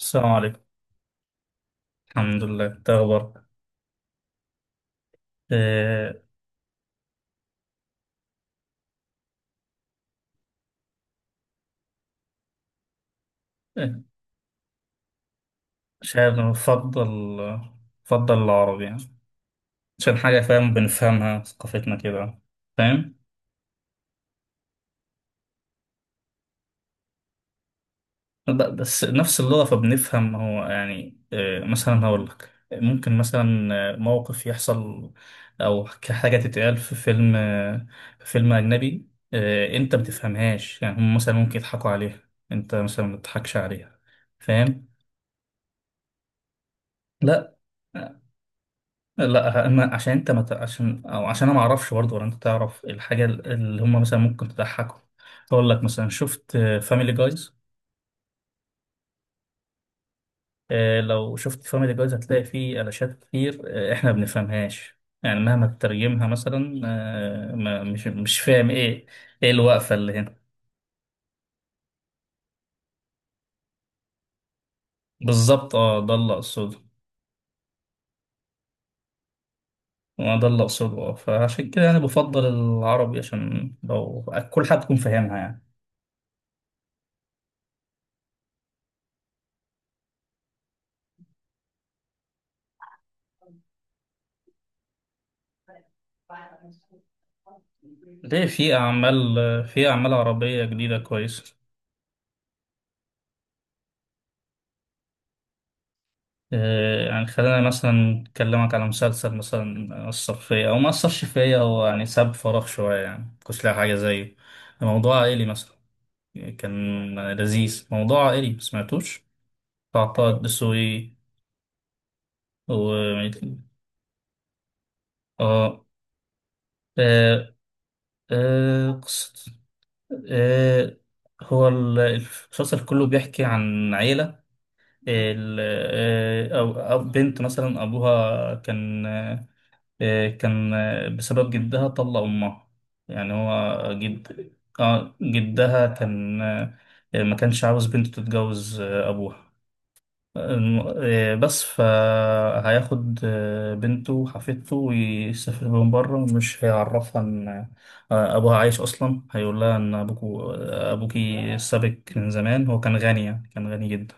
السلام عليكم. الحمد لله، تخبر إيه؟ إيه، شايف. أنا بفضل العربي يعني، عشان حاجة فاهم بنفهمها ثقافتنا كده، فاهم؟ بس نفس اللغة فبنفهم هو يعني إيه، مثلا هقول لك ممكن مثلا موقف يحصل، أو حاجة تتقال في فيلم أجنبي، أنت بتفهمهاش، يعني هم مثلا ممكن يضحكوا عليها، أنت مثلا ما بتضحكش عليها، فاهم؟ لا، لا، اما عشان انت عشان انا ما اعرفش برضه، ولا انت تعرف الحاجه اللي هم مثلا ممكن تضحكهم. اقول لك مثلا، شفت فاميلي جايز؟ لو شفت فاميلي جايز هتلاقي فيه علاشات كتير. احنا ما بنفهمهاش، يعني مهما تترجمها مثلا آه، ما مش فاهم ايه، ايه الوقفه اللي هنا؟ بالظبط ده اللي اقصده. ده اللي اقصده، فعشان كده انا بفضل العربي، عشان لو كل حد يكون فاهمها يعني. ليه؟ في أعمال، في أعمال عربية جديدة كويسة. يعني خلينا مثلا نكلمك على مسلسل مثلا أثر فيا أو ما أثرش فيا، هو يعني ساب فراغ شوية، يعني مكنتش لاقي حاجة زيه. موضوع عائلي مثلا، كان لذيذ. موضوع عائلي، مسمعتوش؟ بتاع طه الدسوقي. و آه آه آه قصة. آه هو المسلسل كله بيحكي عن عيلة. ال- أو بنت مثلا أبوها كان، بسبب جدها طلق أمها. يعني هو جد. جدها كان، ما كانش عاوز بنته تتجوز أبوها. بس فهياخد بنته وحفيدته ويسافر بهم بره، ومش هيعرفها إن أبوها عايش أصلا. هيقول لها إن أبوكو آه، أبوكي سابك من زمان. هو كان غني، يعني كان غني جدا.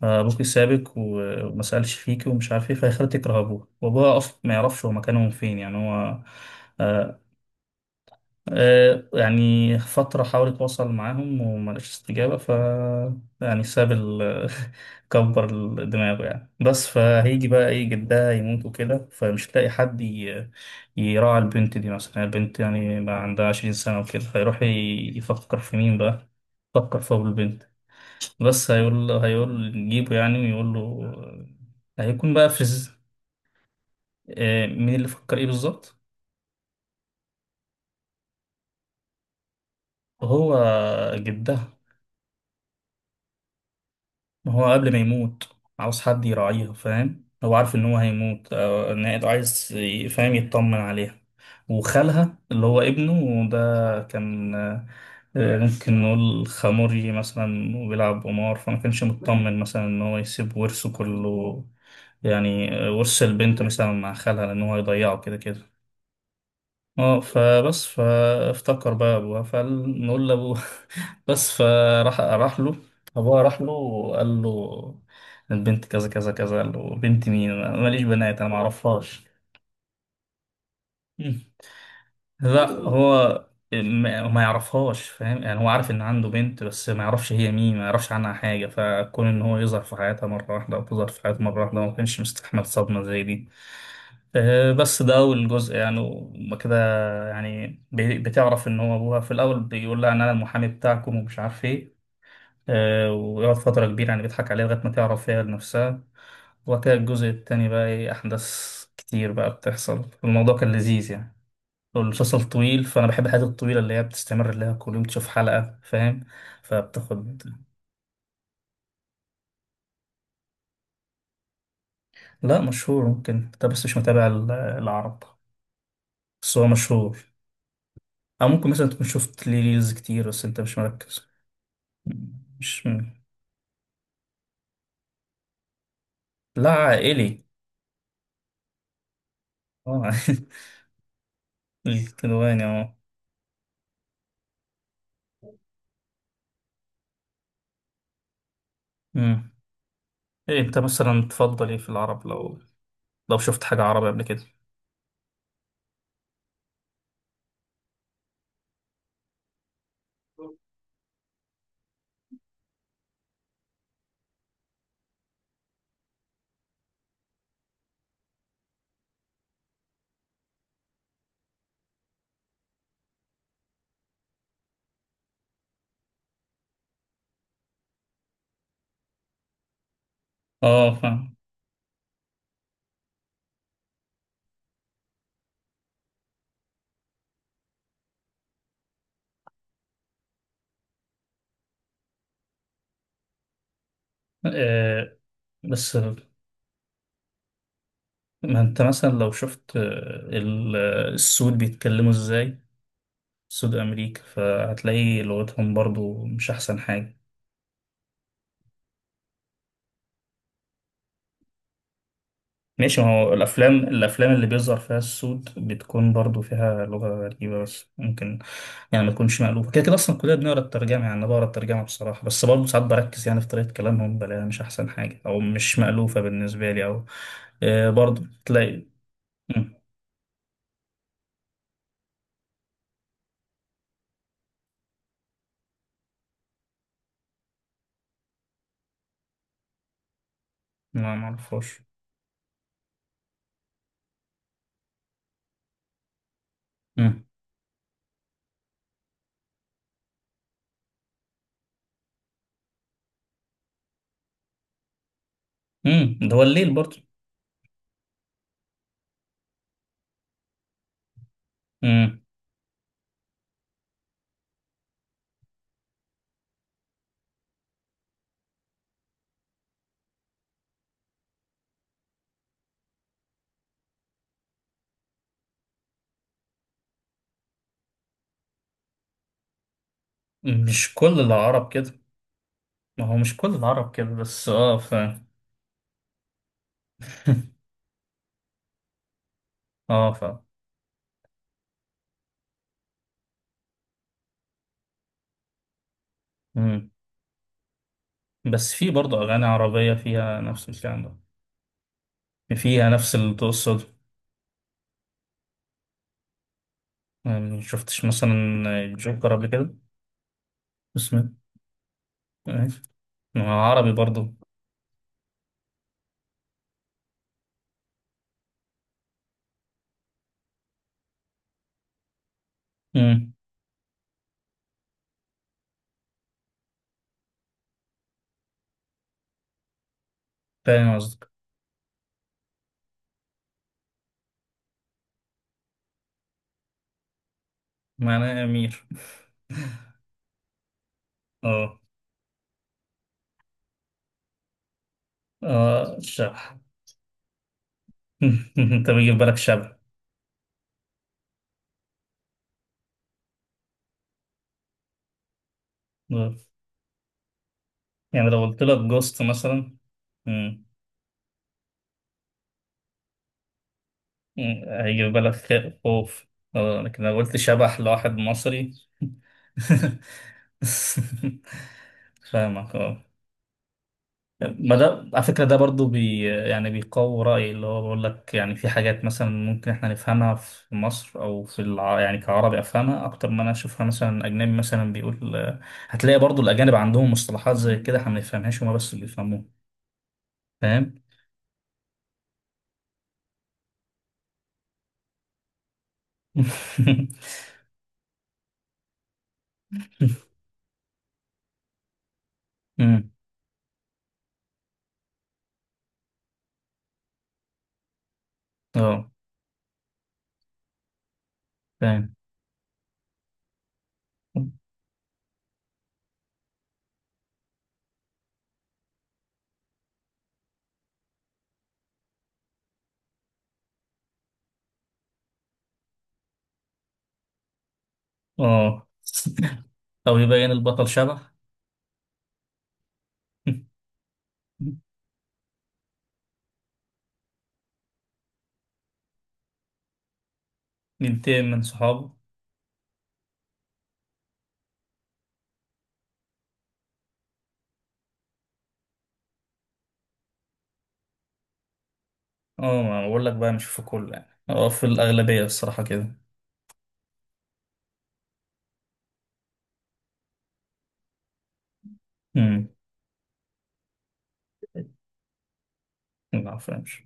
فابوكي سابك وما سالش فيكي، ومش عارف ايه، فيخلتك رهبوه. وابوها اصلا ما يعرفش هو مكانهم فين، يعني هو. آه يعني فترة حاول يتواصل معاهم وما لقاش استجابة، ف يعني ساب كبر دماغه يعني. بس فهيجي بقى ايه، جدها يموت وكده، فمش هتلاقي حد يراعي البنت دي مثلا. يعني البنت يعني بقى عندها عشرين سنة وكده، فيروح يفكر في مين بقى. يفكر في أبو البنت. بس هيقول له، هيقول نجيبه يعني ويقول له. هيكون بقى في مين اللي فكر ايه بالظبط؟ هو جدها. ما هو قبل ما يموت عاوز حد يراعيها، فاهم؟ هو عارف ان هو هيموت، إن عايز فاهم، يطمن عليها. وخالها اللي هو ابنه ده كان، ممكن نقول خموري مثلا وبيلعب قمار، فما كانش مطمن مثلا ان هو يسيب ورثه كله يعني، ورث البنت مثلا مع خالها، لان هو هيضيعه كده كده. اه فبس فافتكر بقى ابوه، فنقول لابوه. بس فراح، راح له. ابوها راح له وقال له البنت كذا كذا كذا، قال له: بنت مين؟ أنا ماليش بنات، انا ما اعرفهاش. مم. لا، هو ما يعرفهاش. فاهم يعني هو عارف ان عنده بنت، بس ما يعرفش هي مين، ما يعرفش عنها حاجه. فكون ان هو يظهر في حياتها مره واحده، او تظهر في حياته مره واحده، هو ما كانش مستحمل صدمه زي دي. بس ده أول جزء يعني وما كده. يعني بتعرف إن هو أبوها في الأول بيقول لها إن أنا المحامي بتاعكم ومش عارف إيه. ويقعد فترة كبيرة يعني بيضحك عليها لغاية ما تعرف هي لنفسها وكده. الجزء التاني بقى إيه، أحداث كتير بقى بتحصل. الموضوع كان لذيذ يعني. والمسلسل طويل، فأنا بحب الحاجات الطويلة اللي هي بتستمر، اللي هي كل يوم تشوف حلقة، فاهم؟ فبتاخد. لا، مشهور. ممكن أنت بس مش متابع العرب، بس هو مشهور. أو ممكن مثلا تكون شفت ليه ريلز كتير، بس أنت مش مركز. مش. لا، عائلي. اه. الكدواني، اه. أمم. ايه انت مثلا تفضل ايه في العرب، لو لو شفت حاجة عربي قبل كده؟ اه، فاهم. آه، بس ما انت مثلا لو شفت السود بيتكلموا ازاي، سود امريكا، فهتلاقي لغتهم برضو مش احسن حاجة. ماشي، ما هو الأفلام، الأفلام اللي بيظهر فيها السود بتكون برضو فيها لغة غريبة. بس ممكن يعني ما تكونش مألوفة، كده كده أصلا كلنا بنقرا الترجمة. يعني أنا بقرا الترجمة بصراحة، بس برضو ساعات بركز يعني في طريقة كلامهم، بلاقيها مش أحسن حاجة أو مش مألوفة بالنسبة لي أو برضو تلاقي. مم. ما معرفوش. مم. ده هو الليل برضو. مم. مش كل العرب كده. ما هو مش كل العرب كده، بس اه اه مم. بس في برضو أغاني عربية فيها نفس الكلام ده، فيها نفس القصة. يعني ما شفتش مثلا جوكر قبل كده؟ اسمه. آه، ما هو عربي برضه. امم. فاهم قصدك. معناه أمير. اه. اه، شبح. انت بيجي في بالك شبح؟ آه. يعني لو قلت لك جوست مثلا. مم. هيجي في بالك خوف. اه، لكن لو قلت شبح لواحد مصري. فاهمك، اه. ما ده على فكرة ده برضو بي يعني بيقوي رأيي، اللي هو بقول لك يعني في حاجات مثلا ممكن احنا نفهمها في مصر أو في يعني كعربي، أفهمها أكتر ما أنا أشوفها مثلا أجنبي مثلا بيقول. هتلاقي برضو الأجانب عندهم مصطلحات زي كده، احنا ما بنفهمهاش، هما بس اللي بيفهموها، فاهم؟ أمم، اه، فاهم، اه. أو يبين البطل شبح. ينتقم من صحابه. اه، ما بقول لك بقى مش في كل يعني، اه في الأغلبية الصراحة كده. أمم، ما بفهمش.